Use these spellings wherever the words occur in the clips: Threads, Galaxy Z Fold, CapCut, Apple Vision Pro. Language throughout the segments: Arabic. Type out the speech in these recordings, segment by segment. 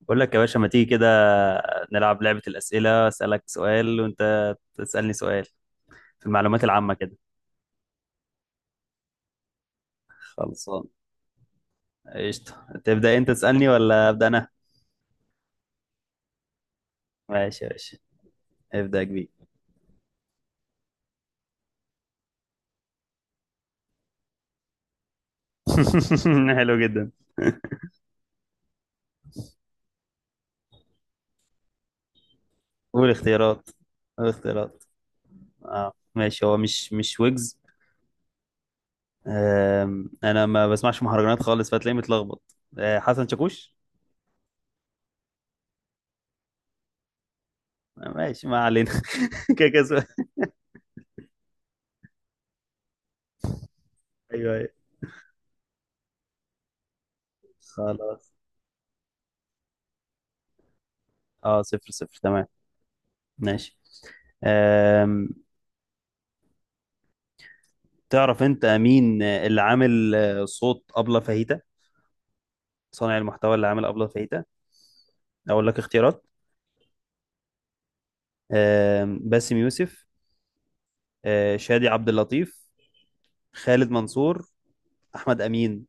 بقول لك يا باشا ما تيجي كده نلعب لعبة الأسئلة، أسألك سؤال وأنت تسألني سؤال في المعلومات العامة كده. خلصان. قشطة، تبدأ أنت تسألني ولا أبدأ أنا؟ ماشي يا باشا، ابدأ يا كبير. حلو جدا. قول اختيارات، قول اختيارات. اه ماشي، هو مش ويجز. أنا ما بسمعش مهرجانات خالص فتلاقيني متلخبط. حسن شاكوش. ماشي ما علينا. كده سؤال. أيوه أيوه. خلاص، اه صفر صفر تمام. ماشي. آم، تعرف انت مين اللي عامل صوت أبلة فاهيتا، صانع المحتوى اللي عامل أبلة فاهيتا؟ اقول لك اختيارات. باسم يوسف، شادي عبد اللطيف، خالد منصور، احمد امين.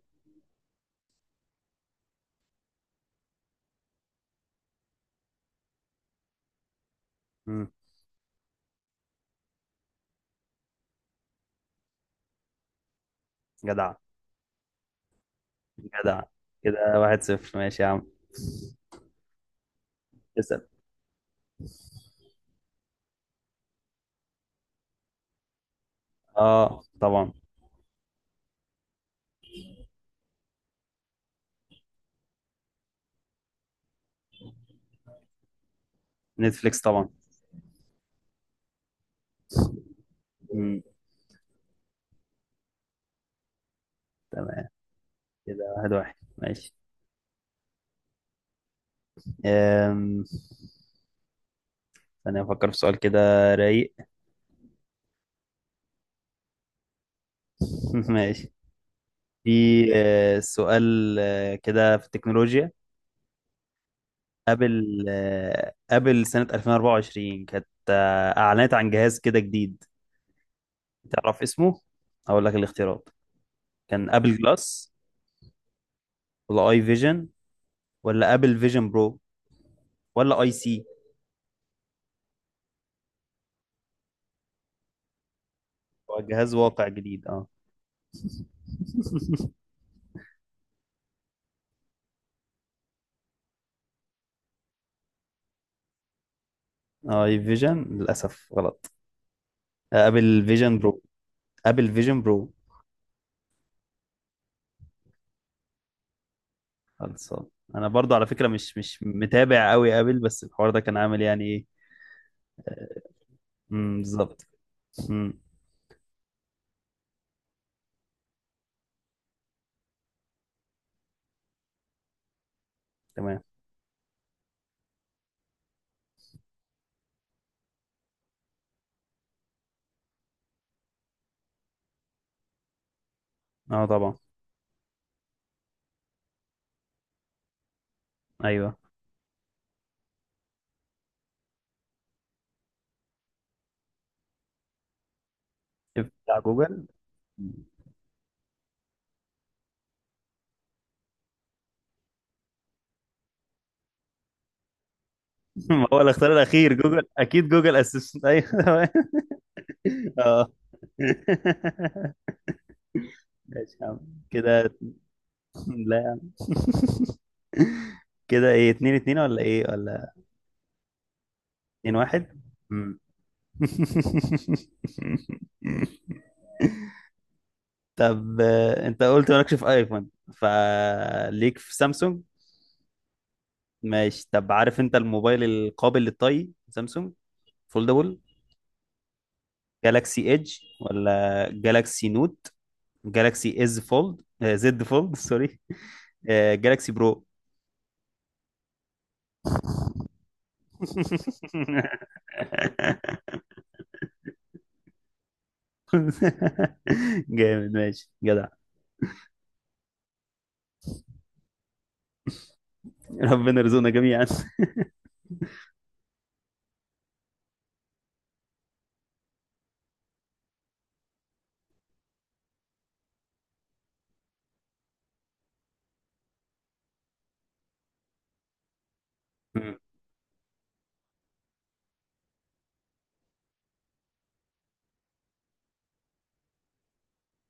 مم. جدع. جدع، كده واحد صفر، ماشي يا عم. اسال. اه طبعا، نتفليكس طبعا. مم. تمام، كده واحد واحد ماشي. أم... ثانية أفكر في سؤال كده، رايق. ماشي. في سؤال كده في التكنولوجيا، قبل قبل سنة 2024 كانت أعلنت عن جهاز كده جديد، تعرف اسمه؟ أقول لك الاختيارات. كان أبل جلاس، ولا أي فيجن، ولا أبل فيجن برو، ولا أي سي. هو جهاز واقع جديد اه. أي فيجن للأسف غلط. أبل فيجن برو، أبل فيجن برو. خلصان. أنا برضو على فكرة مش متابع قوي أبل، بس الحوار ده كان عامل يعني إيه. أمم، بالظبط. أمم، تمام. اه طبعا. ايوه، شفت بتاع جوجل. ما هو الاختيار الاخير جوجل، اكيد جوجل اسيستنت، ايوه تمام. اه. ماشي يا عم، كده. لا يا عم. كده ايه، اتنين اتنين ولا ايه ولا اتنين واحد؟ مم. طب انت قلت مالكش في ايفون، فليك في سامسونج. ماشي، طب عارف انت الموبايل القابل للطي سامسونج فولدبل؟ جالاكسي ايدج ولا جالاكسي نوت، جالاكسي از فولد، زد فولد سوري، جالاكسي برو. جامد ماشي جدع. ربنا يرزقنا جميعا. مم.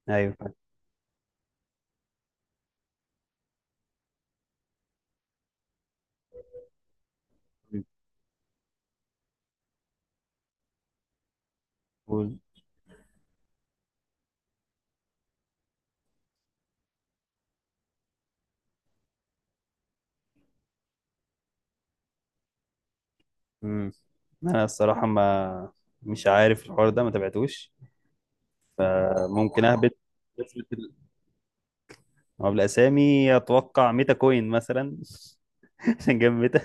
ايوه. قول. مم. انا الصراحه ما، مش عارف الحوار ده ما تابعتوش، فممكن اهبط. اسم ال- هو بالاسامي اتوقع ميتا كوين مثلا، عشان جنب ميتا.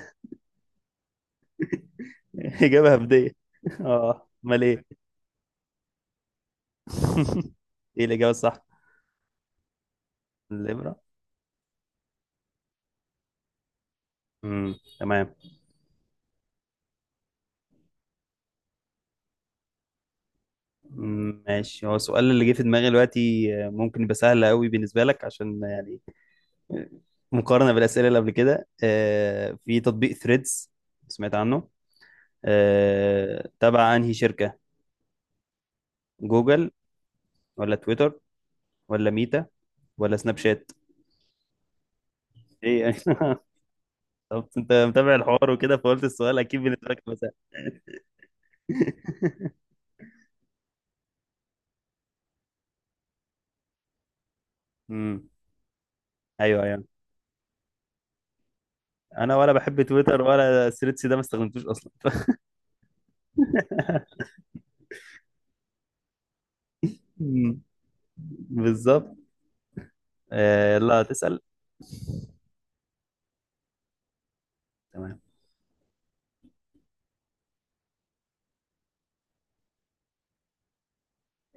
اجابه هبديه. اه امال ايه. ايه الاجابه الصح؟ الابره. تمام. مم، ماشي. هو السؤال اللي جه في دماغي دلوقتي ممكن يبقى سهل قوي بالنسبه لك، عشان يعني مقارنه بالاسئله اللي قبل كده. في تطبيق ثريدز سمعت عنه، تبع انهي شركه؟ جوجل ولا تويتر ولا ميتا ولا سناب شات؟ ايه يعني. طب انت متابع الحوار وكده، فقلت السؤال اكيد بالنسبه لك هيبقى سهل. امم. ايوه ايوه، انا ولا بحب تويتر ولا ثريدز ده ما استخدمتوش اصلا. مم. بالظبط. يلا تسأل. تمام.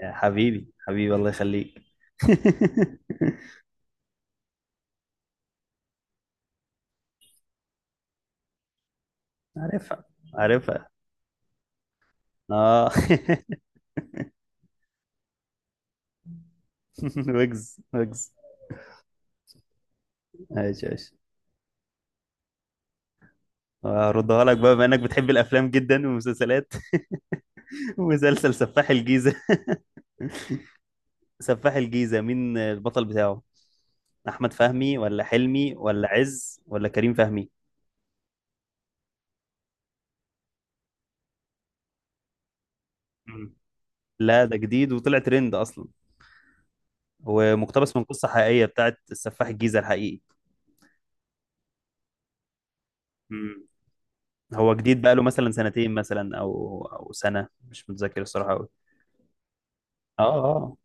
يا حبيبي، حبيبي الله يخليك. عارفها، عارفها. اه. ويجز ويجز. ايش ايش. هردها لك بقى، بما انك بتحب الافلام جدا والمسلسلات. مسلسل سفاح الجيزة. سفاح الجيزة مين البطل بتاعه؟ احمد فهمي ولا حلمي ولا عز ولا كريم فهمي؟ مم. لا ده جديد وطلع ترند اصلا، ومقتبس من قصة حقيقية بتاعت السفاح الجيزة الحقيقي. مم. هو جديد بقاله مثلا سنتين مثلا، او او سنة، مش متذكر الصراحة قوي. اه اه.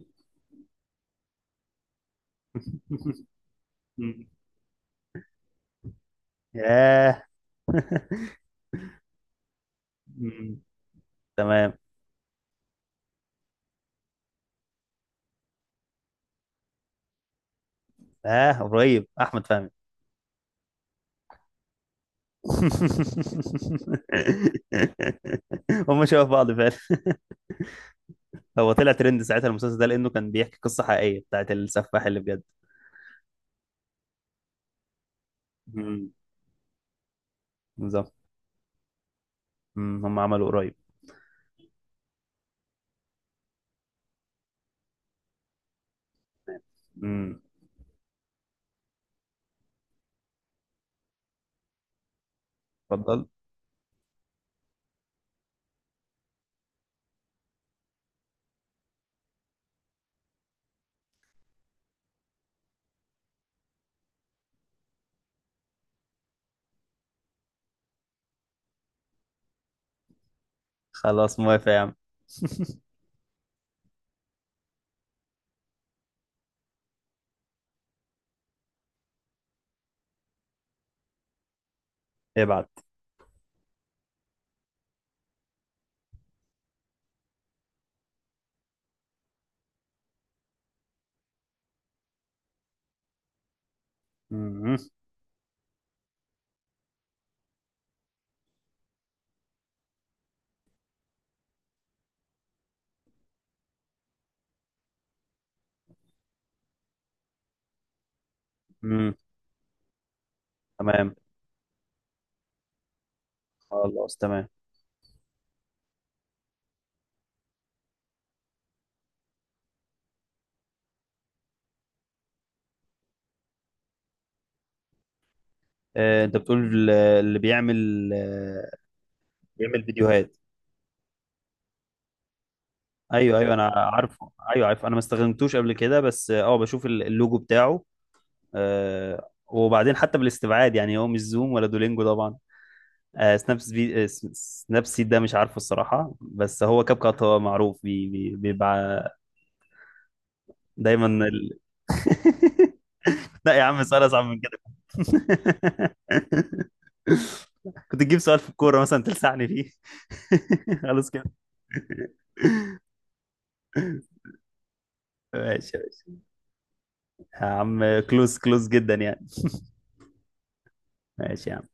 مم. ياه. مم. تمام. اه قريب، احمد فهمي. هم شبه بعض فعلا. هو طلع ترند ساعتها المسلسل ده، لانه كان بيحكي قصة حقيقية بتاعت السفاح اللي بجد. مم. بالظبط. مم. هم عملوا قريب. مم. اتفضل. خلاص موافق يا عم. ابعت. مم. مم. تمام. خلاص تمام. انت بتقول اللي بيعمل بيعمل فيديوهات. ايوه ايوه انا عارفه، ايوه عارف، انا ما استخدمتوش قبل كده، بس اه بشوف اللوجو بتاعه. وبعدين حتى بالاستبعاد يعني هو مش زوم ولا دولينجو طبعا. آه، سناب سبي... آه، س- سناب سيد ده مش عارفه الصراحه، بس هو كاب كات هو معروف بيبقى دايما لا يا عم، سؤال اصعب من كده. كنت تجيب سؤال في الكوره مثلا تلسعني فيه. خلاص كده. ماشي يا باشا. يا عم كلوز، كلوز جدا يعني. ماشي يا عم.